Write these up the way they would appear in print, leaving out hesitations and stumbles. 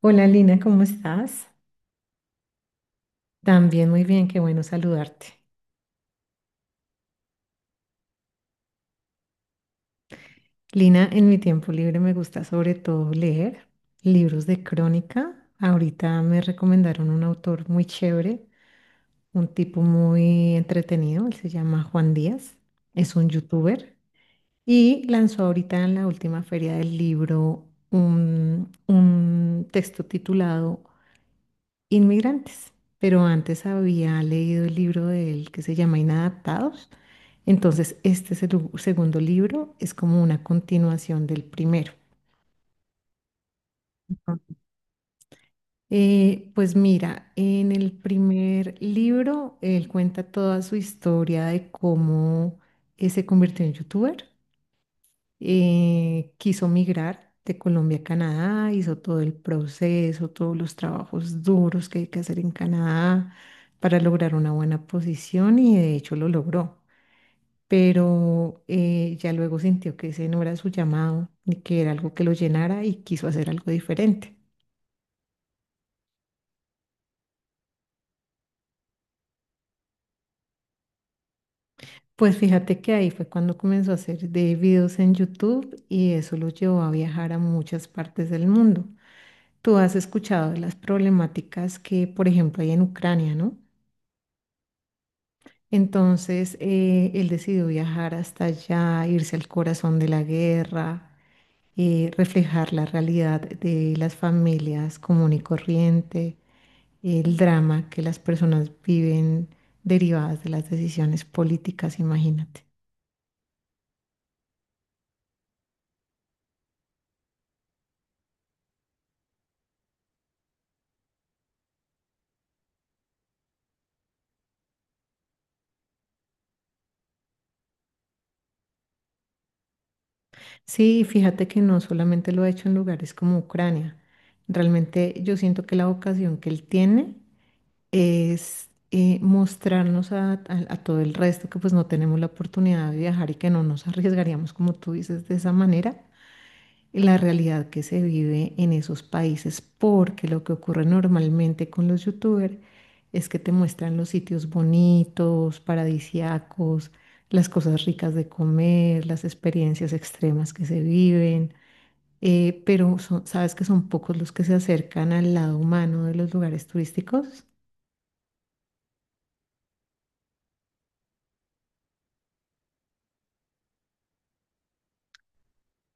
Hola Lina, ¿cómo estás? También muy bien, qué bueno saludarte. Lina, en mi tiempo libre me gusta sobre todo leer libros de crónica. Ahorita me recomendaron un autor muy chévere, un tipo muy entretenido, él se llama Juan Díaz, es un youtuber y lanzó ahorita en la última feria del libro un texto titulado Inmigrantes, pero antes había leído el libro de él que se llama Inadaptados. Entonces, este es el segundo libro, es como una continuación del primero. Pues mira, en el primer libro él cuenta toda su historia de cómo se convirtió en youtuber, quiso migrar de Colombia a Canadá, hizo todo el proceso, todos los trabajos duros que hay que hacer en Canadá para lograr una buena posición y de hecho lo logró. Pero ya luego sintió que ese no era su llamado ni que era algo que lo llenara y quiso hacer algo diferente. Pues fíjate que ahí fue cuando comenzó a hacer de videos en YouTube y eso lo llevó a viajar a muchas partes del mundo. Tú has escuchado de las problemáticas que, por ejemplo, hay en Ucrania, ¿no? Entonces, él decidió viajar hasta allá, irse al corazón de la guerra, reflejar la realidad de las familias común y corriente, el drama que las personas viven derivadas de las decisiones políticas, imagínate. Sí, fíjate que no solamente lo ha hecho en lugares como Ucrania. Realmente yo siento que la vocación que él tiene es mostrarnos a todo el resto que pues no tenemos la oportunidad de viajar y que no nos arriesgaríamos, como tú dices, de esa manera la realidad que se vive en esos países, porque lo que ocurre normalmente con los youtubers es que te muestran los sitios bonitos, paradisiacos, las cosas ricas de comer, las experiencias extremas que se viven, pero sabes que son pocos los que se acercan al lado humano de los lugares turísticos.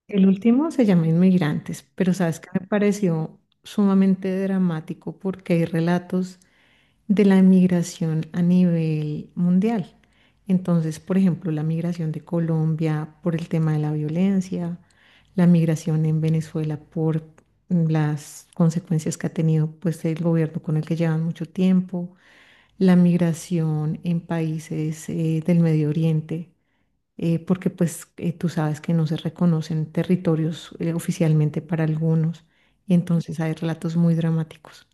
El último se llama Inmigrantes, pero sabes que me pareció sumamente dramático porque hay relatos de la migración a nivel mundial. Entonces, por ejemplo, la migración de Colombia por el tema de la violencia, la migración en Venezuela por las consecuencias que ha tenido pues el gobierno con el que llevan mucho tiempo, la migración en países del Medio Oriente, porque pues tú sabes que no se reconocen territorios oficialmente para algunos, y entonces hay relatos muy dramáticos.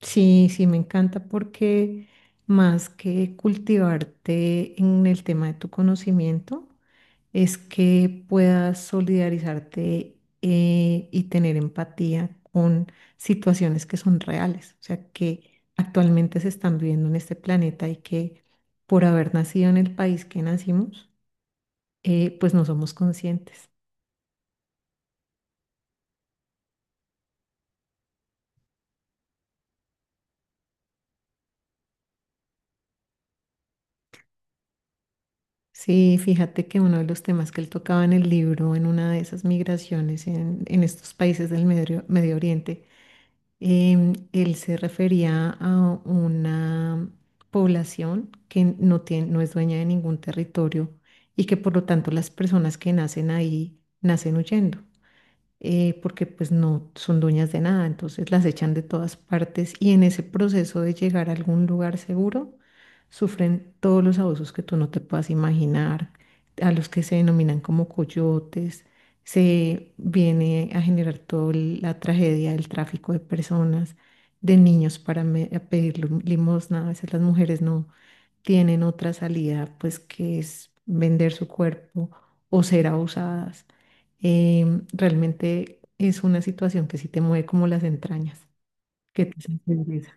Sí, sí, me encanta porque más que cultivarte en el tema de tu conocimiento, es que puedas solidarizarte y tener empatía con situaciones que son reales, o sea, que actualmente se están viviendo en este planeta y que por haber nacido en el país que nacimos, pues no somos conscientes. Sí, fíjate que uno de los temas que él tocaba en el libro, en una de esas migraciones en estos países del Medio Oriente, él se refería a una población que no tiene, no es dueña de ningún territorio y que por lo tanto las personas que nacen ahí nacen huyendo porque pues no son dueñas de nada, entonces las echan de todas partes y en ese proceso de llegar a algún lugar seguro, sufren todos los abusos que tú no te puedas imaginar, a los que se denominan como coyotes, se viene a generar toda la tragedia del tráfico de personas, de niños para a pedir limosna, a veces las mujeres no tienen otra salida, pues que es vender su cuerpo o ser abusadas. Realmente es una situación que sí te mueve como las entrañas, que te sensibiliza.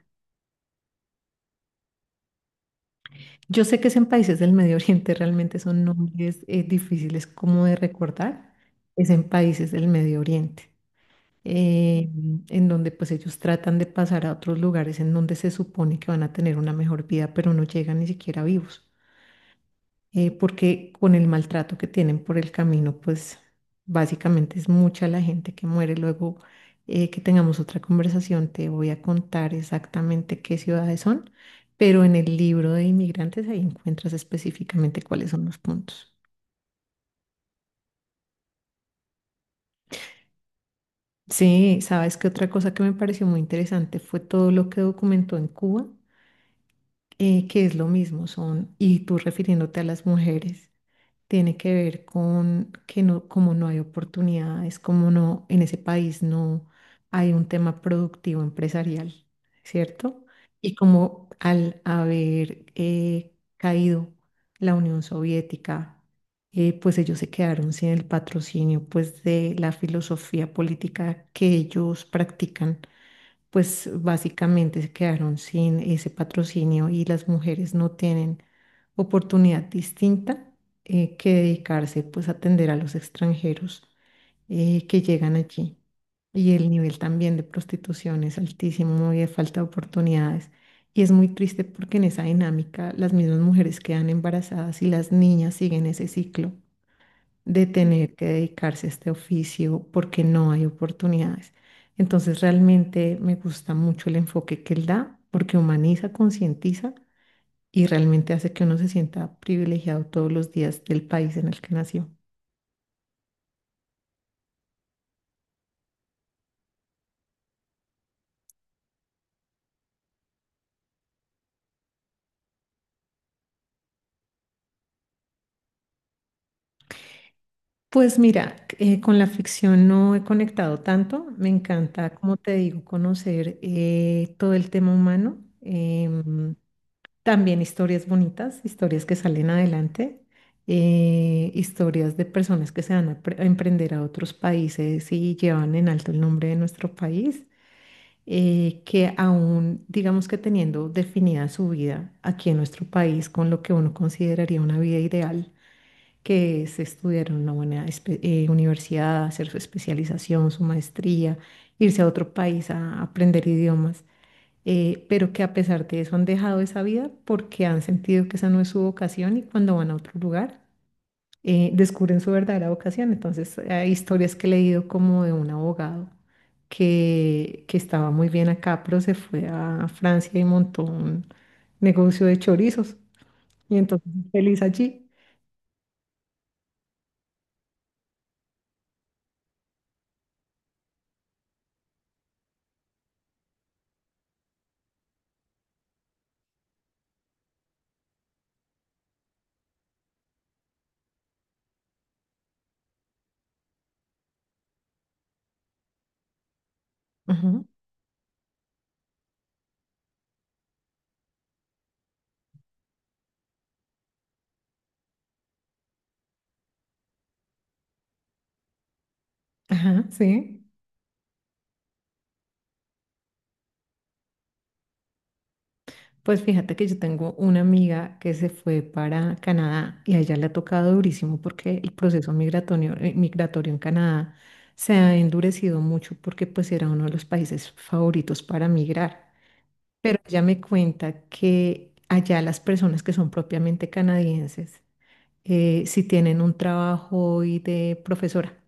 Yo sé que es en países del Medio Oriente, realmente son nombres difíciles como de recordar, es en países del Medio Oriente, eh, en donde pues ellos tratan de pasar a otros lugares en donde se supone que van a tener una mejor vida, pero no llegan ni siquiera vivos. Eh, porque con el maltrato que tienen por el camino, pues básicamente es mucha la gente que muere. Luego que tengamos otra conversación, te voy a contar exactamente qué ciudades son, pero en el libro de inmigrantes ahí encuentras específicamente cuáles son los puntos. Sí, sabes que otra cosa que me pareció muy interesante fue todo lo que documentó en Cuba, que es lo mismo, son, y tú refiriéndote a las mujeres, tiene que ver con que no, como no hay oportunidades, como no, en ese país no hay un tema productivo empresarial, ¿cierto? Y como al haber caído la Unión Soviética, pues ellos se quedaron sin el patrocinio, pues de la filosofía política que ellos practican, pues básicamente se quedaron sin ese patrocinio y las mujeres no tienen oportunidad distinta que dedicarse pues a atender a los extranjeros que llegan allí. Y el nivel también de prostitución es altísimo y de falta de oportunidades. Y es muy triste porque en esa dinámica las mismas mujeres quedan embarazadas y las niñas siguen ese ciclo de tener que dedicarse a este oficio porque no hay oportunidades. Entonces realmente me gusta mucho el enfoque que él da porque humaniza, concientiza y realmente hace que uno se sienta privilegiado todos los días del país en el que nació. Pues mira, con la ficción no he conectado tanto. Me encanta, como te digo, conocer todo el tema humano. También historias bonitas, historias que salen adelante, historias de personas que se van a, a emprender a otros países y llevan en alto el nombre de nuestro país, que aún, digamos que teniendo definida su vida aquí en nuestro país con lo que uno consideraría una vida ideal, que es estudiar en una buena universidad, hacer su especialización, su maestría, irse a otro país a aprender idiomas, pero que a pesar de eso han dejado esa vida porque han sentido que esa no es su vocación y cuando van a otro lugar descubren su verdadera vocación. Entonces, hay historias que he leído como de un abogado que estaba muy bien acá, pero se fue a Francia y montó un negocio de chorizos y entonces feliz allí. Ajá, ajá, sí. Pues fíjate que yo tengo una amiga que se fue para Canadá y a ella le ha tocado durísimo porque el proceso migratorio en Canadá se ha endurecido mucho porque pues era uno de los países favoritos para migrar. Pero ella me cuenta que allá las personas que son propiamente canadienses, si tienen un trabajo y de profesora,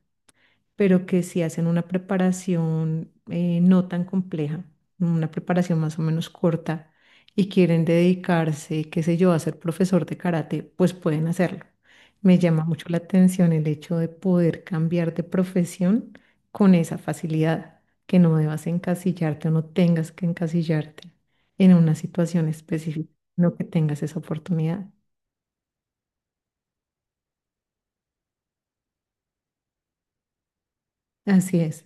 pero que si hacen una preparación no tan compleja, una preparación más o menos corta y quieren dedicarse, qué sé yo, a ser profesor de karate, pues pueden hacerlo. Me llama mucho la atención el hecho de poder cambiar de profesión con esa facilidad, que no debas encasillarte o no tengas que encasillarte en una situación específica, no que tengas esa oportunidad. Así es.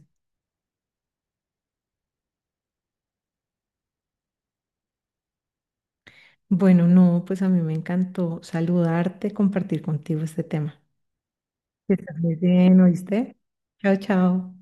Bueno, no, pues a mí me encantó saludarte, compartir contigo este tema. Que estés muy bien, ¿oíste? Chao, chao.